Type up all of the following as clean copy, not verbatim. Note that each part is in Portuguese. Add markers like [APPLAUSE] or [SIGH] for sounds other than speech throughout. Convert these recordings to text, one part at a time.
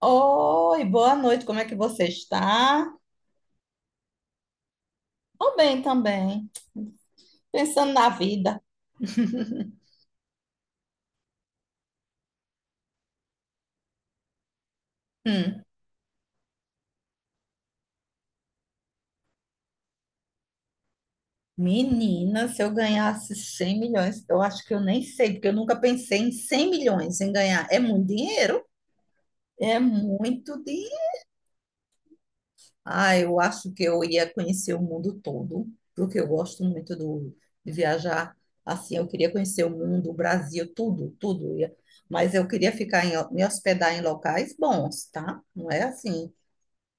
Oi, boa noite, como é que você está? Tô bem também, pensando na vida. [LAUGHS] Hum, Menina, se eu ganhasse 100 milhões, eu acho que eu nem sei, porque eu nunca pensei em 100 milhões em ganhar. É muito dinheiro? É muito dinheiro. Ah, eu acho que eu ia conhecer o mundo todo, porque eu gosto muito do, de viajar. Assim, eu queria conhecer o mundo, o Brasil, tudo, tudo. Mas eu queria ficar me hospedar em locais bons, tá? Não é assim.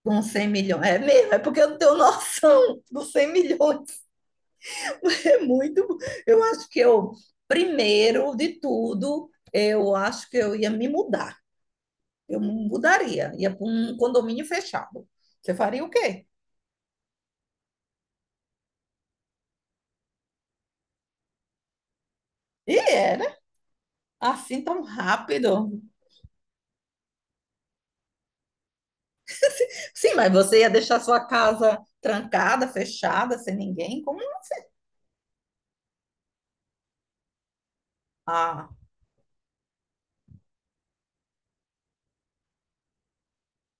Com 100 milhões. É mesmo, é porque eu não tenho [LAUGHS] noção dos 100 milhões. [LAUGHS] É muito. Eu acho que eu, primeiro de tudo, eu acho que eu ia me mudar. Eu mudaria, ia para um condomínio fechado. Você faria o quê? E é, né? Assim tão rápido. Sim, mas você ia deixar sua casa trancada, fechada, sem ninguém? Como? Ah,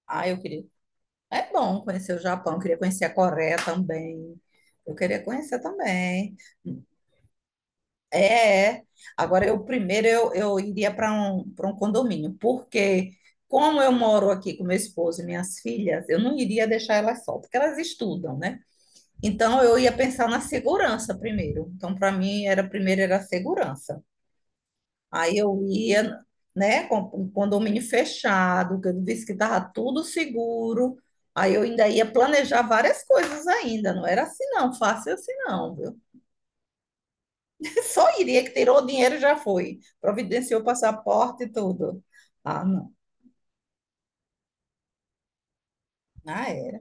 ah, eu queria. É bom conhecer o Japão, eu queria conhecer a Coreia também. Eu queria conhecer também. É, é. Agora, eu primeiro eu iria para um condomínio, porque como eu moro aqui com meu esposo e minhas filhas, eu não iria deixar elas só, porque elas estudam, né? Então, eu ia pensar na segurança primeiro. Então, para mim, era primeiro era a segurança. Aí eu ia, né, com um condomínio fechado, que eu disse que estava tudo seguro. Aí eu ainda ia planejar várias coisas ainda, não era assim não, fácil assim não, viu? E só iria que tirou o dinheiro já foi. Providenciou o passaporte e tudo. Ah, não. Ah, era.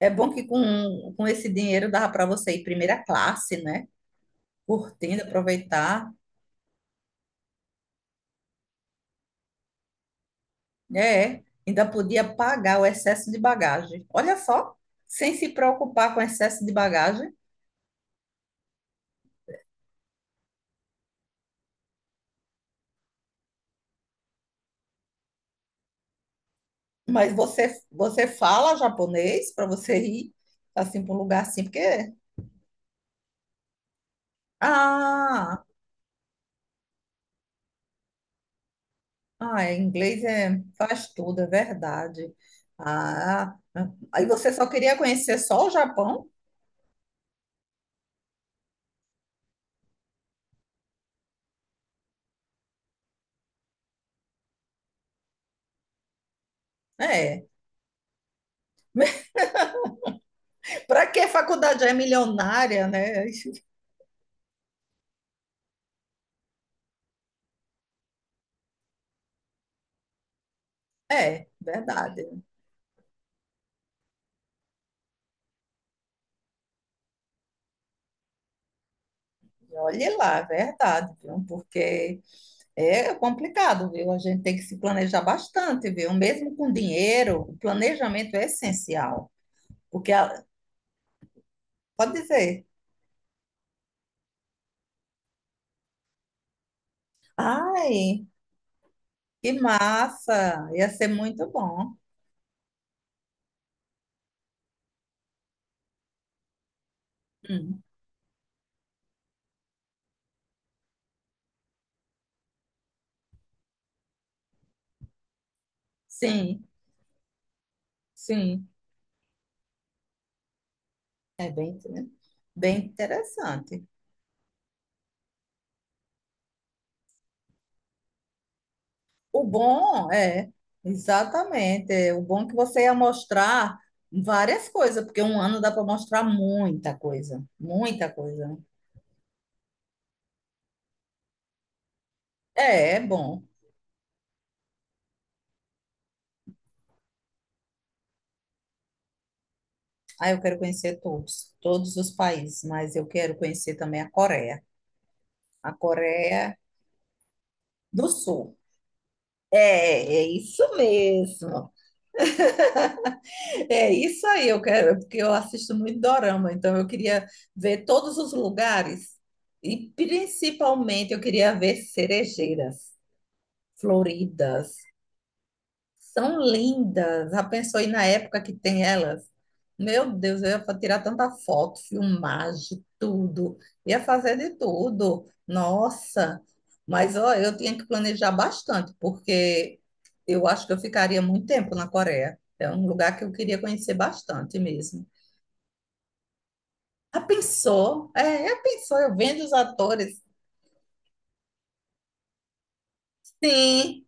É bom que com esse dinheiro dava para você ir primeira classe, né? Curtindo, aproveitar. É, ainda podia pagar o excesso de bagagem. Olha só, sem se preocupar com excesso de bagagem, mas você fala japonês para você ir assim para um lugar assim, porque. Ah! Ah, é, inglês é, faz tudo, é verdade. Ah, aí você só queria conhecer só o Japão? É. Para que faculdade é milionária, né? É, verdade. Olhe lá, é verdade, viu? Porque é complicado, viu? A gente tem que se planejar bastante, viu? Mesmo com dinheiro, o planejamento é essencial. Porque a- Pode dizer, ai, que massa, ia ser muito bom. Hum, sim, sim. É bem, bem interessante. O bom é, exatamente, é, o bom é que você ia mostrar várias coisas, porque um ano dá para mostrar muita coisa, muita coisa. Né? É, é bom. Ah, eu quero conhecer todos, todos os países, mas eu quero conhecer também a Coreia do Sul. É, é isso mesmo. É isso aí, eu quero, porque eu assisto muito dorama, então eu queria ver todos os lugares e principalmente eu queria ver cerejeiras floridas. São lindas. Já pensou aí na época que tem elas? Meu Deus, eu ia tirar tanta foto, filmagem, tudo. Ia fazer de tudo. Nossa, mas ó, eu tinha que planejar bastante, porque eu acho que eu ficaria muito tempo na Coreia. É um lugar que eu queria conhecer bastante mesmo. Já pensou? É, já pensou? Eu vendo os atores? Sim,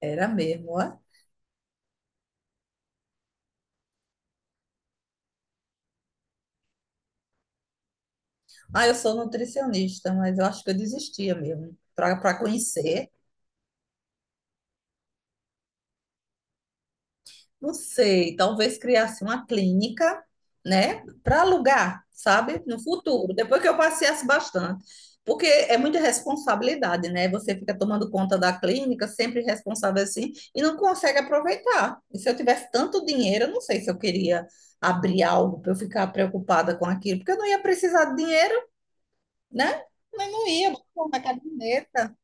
era mesmo. Ó. Ah, eu sou nutricionista, mas eu acho que eu desistia mesmo, para conhecer. Não sei, talvez criasse uma clínica, né, para alugar, sabe, no futuro, depois que eu passeasse bastante. Porque é muita responsabilidade, né? Você fica tomando conta da clínica, sempre responsável assim, e não consegue aproveitar. E se eu tivesse tanto dinheiro, eu não sei se eu queria abrir algo para eu ficar preocupada com aquilo, porque eu não ia precisar de dinheiro, né? Mas não ia, vou pôr na caderneta.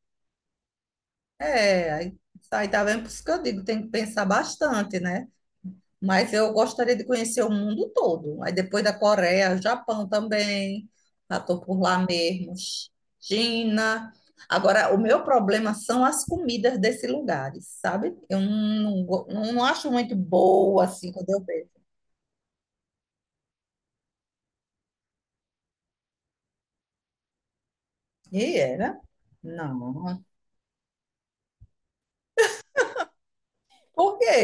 É, aí tá vendo? Por isso que eu digo, tem que pensar bastante, né? Mas eu gostaria de conhecer o mundo todo. Aí depois da Coreia, Japão também. Já estou por lá mesmo. China. Agora, o meu problema são as comidas desses lugares, sabe? Eu não, go- Não, não acho muito boa assim quando eu vejo. E era? Não. Por quê?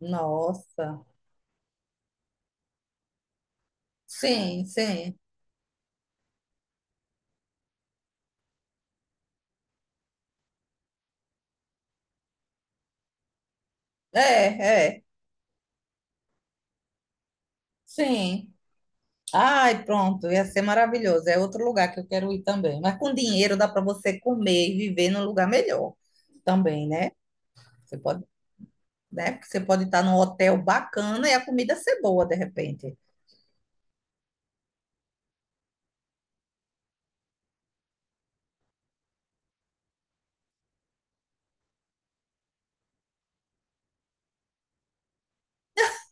Nossa. Sim, sim. É, é. Sim. Ai, pronto, ia ser maravilhoso. É outro lugar que eu quero ir também. Mas com dinheiro dá para você comer e viver num lugar melhor também, né? Você pode, né? Porque você pode estar num hotel bacana e a comida ser boa de repente.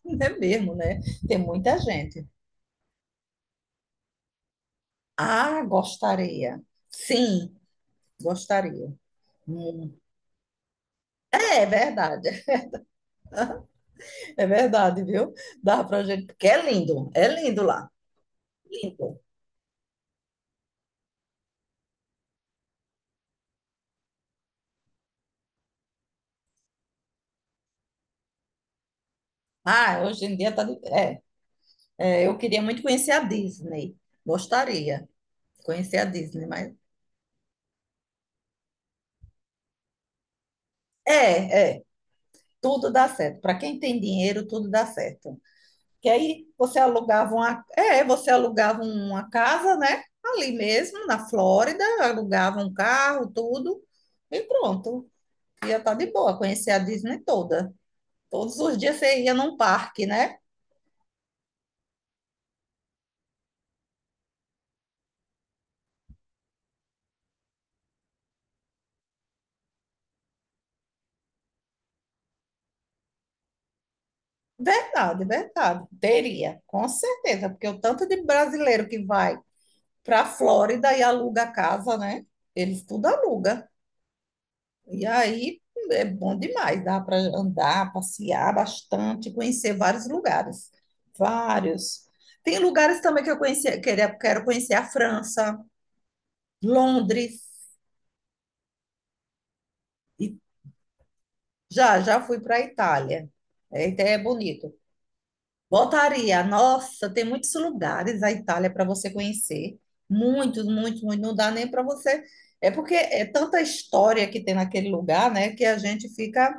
[LAUGHS] É mesmo, né? Tem muita gente. Ah, gostaria. Sim, gostaria. Hum. É verdade. É verdade, viu? Dá pra gente, porque é lindo lá, lindo. Ah, hoje em dia tá. de- É, é, eu queria muito conhecer a Disney, gostaria de conhecer a Disney, mas. É, é, tudo dá certo. Para quem tem dinheiro, tudo dá certo. Que aí você alugava uma. É, você alugava uma casa, né? Ali mesmo, na Flórida, alugava um carro, tudo, e pronto. Ia estar de boa, conhecer a Disney toda. Todos os dias você ia num parque, né? Verdade, verdade. Teria, com certeza, porque o tanto de brasileiro que vai para a Flórida e aluga a casa, né? Eles tudo aluga. E aí é bom demais, dá para andar, passear bastante, conhecer vários lugares. Vários. Tem lugares também que eu conheci, queria, quero conhecer a França, Londres, e já fui para a Itália. É, Itália é bonito. Voltaria. Nossa, tem muitos lugares a Itália para você conhecer. Muitos, muitos, muitos. Não dá nem para você. É porque é tanta história que tem naquele lugar, né? Que a gente fica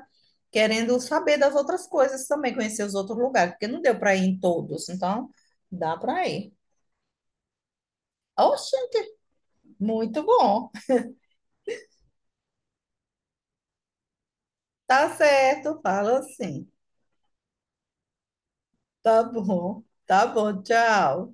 querendo saber das outras coisas também, conhecer os outros lugares, porque não deu para ir em todos. Então, dá para ir. Oxente, muito bom. Tá certo, fala assim. Tá bom, tchau.